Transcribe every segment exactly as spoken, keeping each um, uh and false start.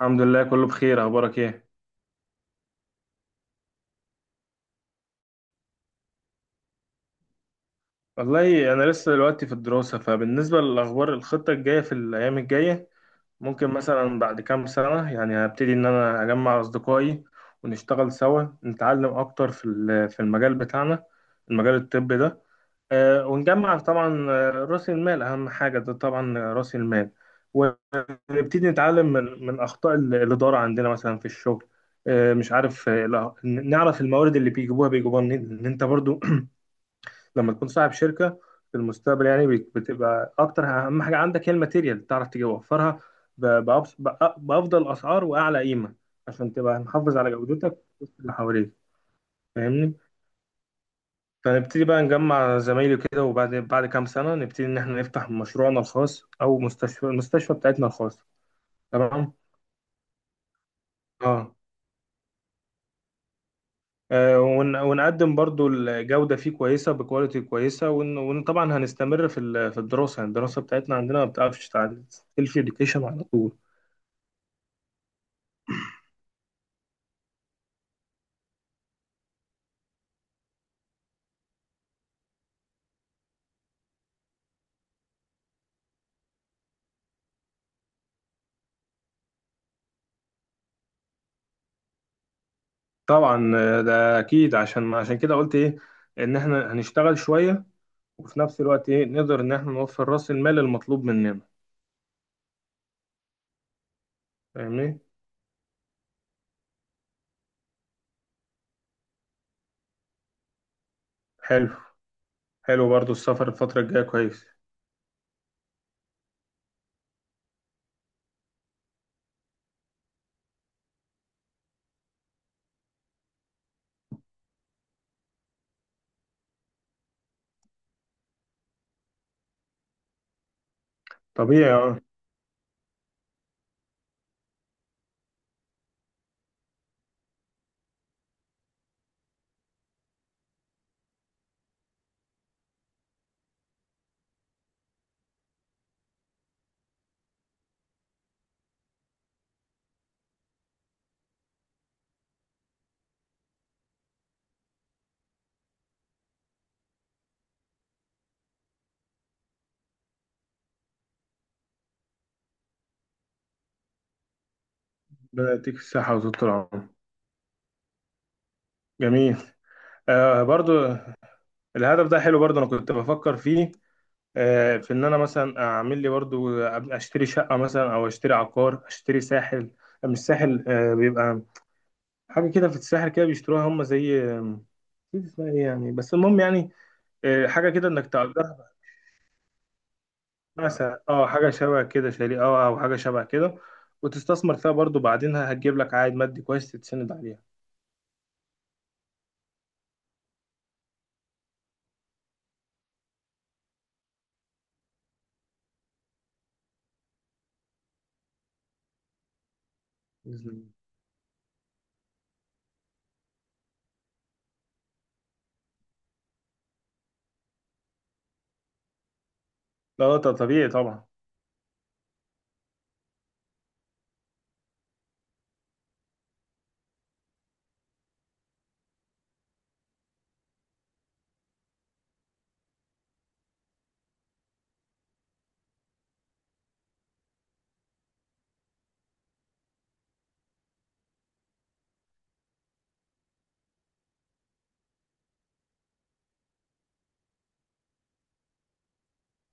الحمد لله، كله بخير. اخبارك ايه؟ والله انا لسه دلوقتي في الدراسه، فبالنسبه للاخبار الخطه الجايه في الايام الجايه ممكن مثلا بعد كام سنه يعني هبتدي ان انا اجمع اصدقائي، ونشتغل سوا، نتعلم اكتر في ال- في المجال بتاعنا، المجال الطبي ده. آه، ونجمع طبعا آه، راس المال اهم حاجه، ده طبعا آه، راس المال. ونبتدي نتعلم من من اخطاء ال- الاداره عندنا مثلا في الشغل. آه، مش عارف، آه، لا- نعرف الموارد اللي بيجيبوها بيجيبوها منين. لأن انت برضو لما تكون صاحب شركه في المستقبل يعني بت- بتبقى اكتر، اهم حاجه عندك هي الماتيريال تعرف توفرها ب- بأبس- بأ- بافضل اسعار واعلى قيمه، عشان تبقى محافظ على جودتك وسط اللي حواليك. فاهمني. فنبتدي بقى نجمع زمايلي كده، وبعد بعد كام سنه نبتدي ان احنا نفتح مشروعنا الخاص او مستشفى المستشفى بتاعتنا الخاصه. تمام. اه. آه، ون- ونقدم برضو الجودة فيه كويسة بكواليتي كويسة، ون- وطبعا هنستمر في ال- في الدراسة، يعني الدراسة بتاعتنا عندنا ما بتعرفش تعدي، سيلف اديوكيشن على طول. طبعا آه، ده أكيد. عشان عشان كده قلت إيه؟ إن إحنا هنشتغل شوية، وفي نفس الوقت إيه نقدر إن إحنا نوفر رأس المال المطلوب مننا. فاهمني؟ حلو، حلو، برضو السفر الفترة الجاية كويس. طبيعي أه. ربنا يديك الصحة وطول العمر. جميل. آه برضو. الهدف ده حلو برضو، أنا كنت بفكر فيه. آه، في ان انا مثلا اعمل لي برضو أب- اشتري شقه مثلا، او اشتري عقار، اشتري ساحل. آه، مش ساحل، آه، بيبقى حاجه كده في الساحل كده بيشتروها هم، زي آه، نسيت اسمها ايه يعني، بس المهم يعني، آه، حاجه كده انك تأجرها. مثلا اه، حاجه شبه كده، شاليه اه، او حاجه شبه كده. وتستثمر فيها برضو، بعدينها هتجيب لك عائد مادي كويس تتسند عليها. بإذن الله. لا، ط- طبيعي طبعا.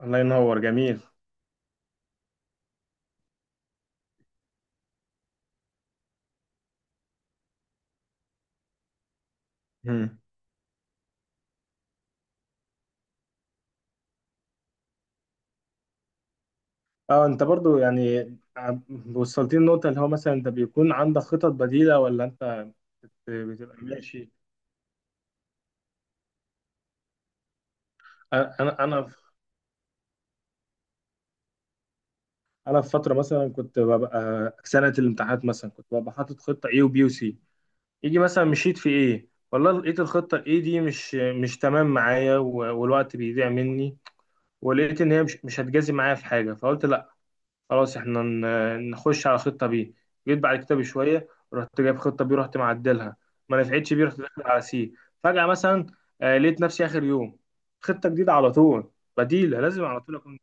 الله ينور. جميل. مم. اه، انت برضو يعني، آه، وصلتني النقطة اللي هو مثلا انت بيكون عندك خطط بديلة ولا انت بتبقى ماشي؟ انا انا في- انا في فترة مثلا كنت ببقى سنة الامتحانات، مثلا كنت ببقى حاطط خطة A وبي وسي. يجي مثلا مشيت في ايه والله، لقيت الخطة الاي دي مش مش تمام معايا، و- والوقت بيضيع مني. ولقيت ان هي مش مش هتجازي معايا في حاجة، فقلت خلاص احنا ن- نخش على خطة بي. جيت بعد كده بشوية، رحت جايب خطة بي رحت معدلها، ما نفعتش بي رحت داخل على سي. فجأة مثلا آه، لقيت نفسي آخر يوم خطة جديدة على طول بديلة، لازم على طول أكون.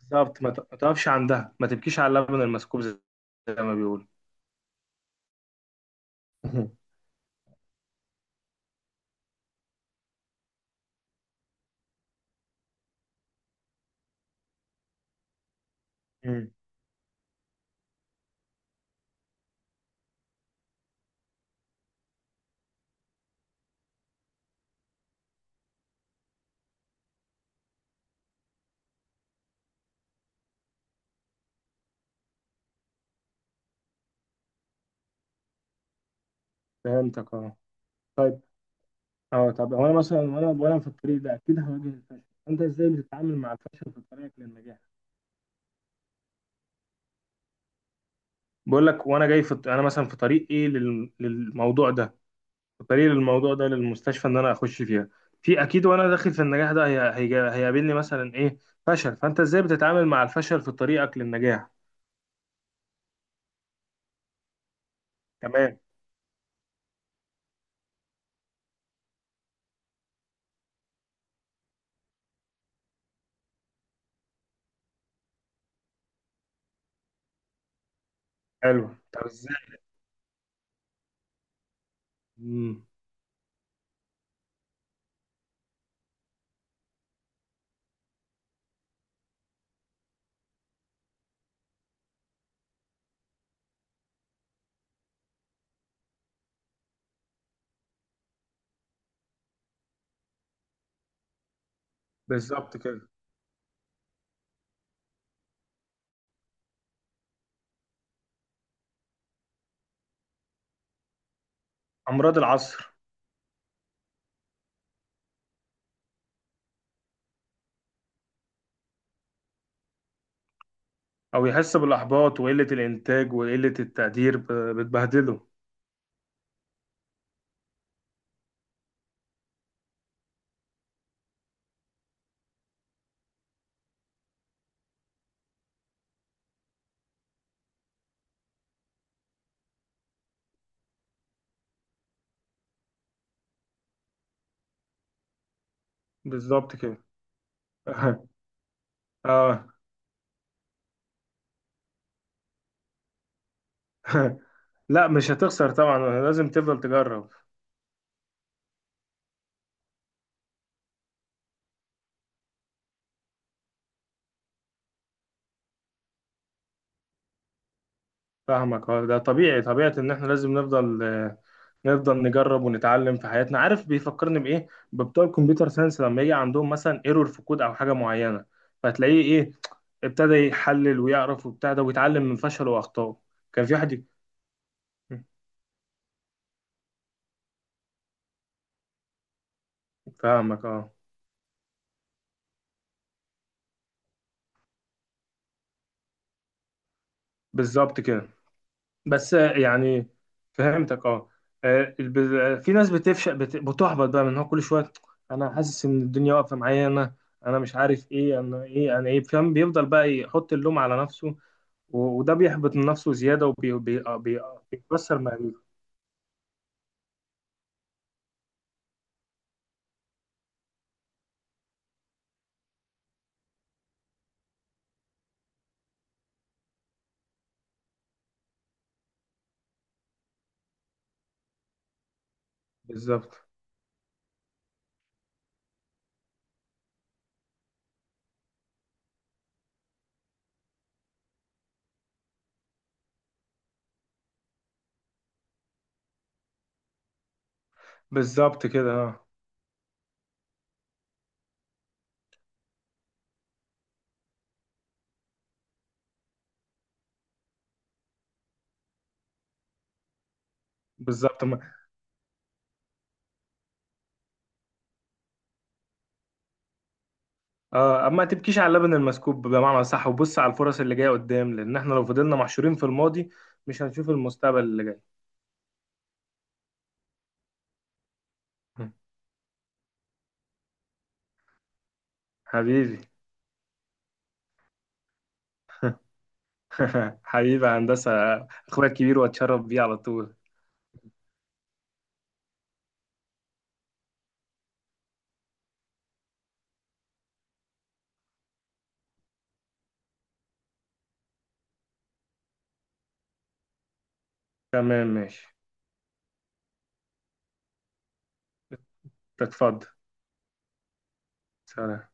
بالظبط، ما ت- ما تقفش عندها، ما تبكيش على اللبن المسكوب، زي زي ما بيقولوا. مم. فهمتك، اه. طيب. اه، طب هو انا مثلا، وانا وانا في الطريق ده اكيد هواجه الفشل. انت ازاي بتتعامل مع الفشل في طريقك للنجاح؟ بقول لك، وانا جاي في الط- انا مثلا في طريقي لل- للموضوع ده، طريق الموضوع ده للمستشفى ان انا اخش فيها. في اكيد وانا داخل في النجاح ده هي- هيجا- هيقابلني مثلا ايه؟ فشل. فانت ازاي بتتعامل مع الفشل في طريقك للنجاح؟ تمام. حلو، طب ازاي؟ مم. بالظبط كده. امراض العصر. او يحس بالاحباط وقله الانتاج وقله التقدير ب- بتبهدله. بالظبط كده. اه. لا، مش هتخسر طبعا، لازم تفضل تجرب. فاهمك. آه، ده طبيعي، طبيعة ان احنا لازم نفضل نفضل نجرب ونتعلم في حياتنا. عارف بيفكرني بايه؟ ببتوع الكمبيوتر ساينس لما يجي عندهم مثلا ايرور في كود او حاجه معينه، فتلاقيه ايه؟ ابتدى يحلل ويعرف وبتاع ده ويتعلم من فشله واخطائه. كان في حد. فاهمك اه. بالظبط كده. بس آه، يعني. فهمتك اه. آه، الب- آه، في ناس بتفشل بت- بتحبط بقى من هو كل شويه، انا حاسس ان الدنيا واقفه معايا. انا، انا مش عارف ايه، انا ايه، انا ايه؟ فاهم؟ بيفضل بقى يحط اللوم على نفسه، و- وده بيحبط من نفسه زيادة وبيكسر مهاريته. بالظبط، بالظبط كده، اه. بالظبط ما- اه، اما تبكيش على اللبن المسكوب بمعنى صح، وبص على الفرص اللي جاية قدام، لأن احنا لو فضلنا محشورين في الماضي مش هنشوف المستقبل اللي جاي. حبيبي. حبيبي يا هندسة، آه، أخويا الكبير وأتشرف بيه على طول. تمام ماشي. اتفضل. سلام.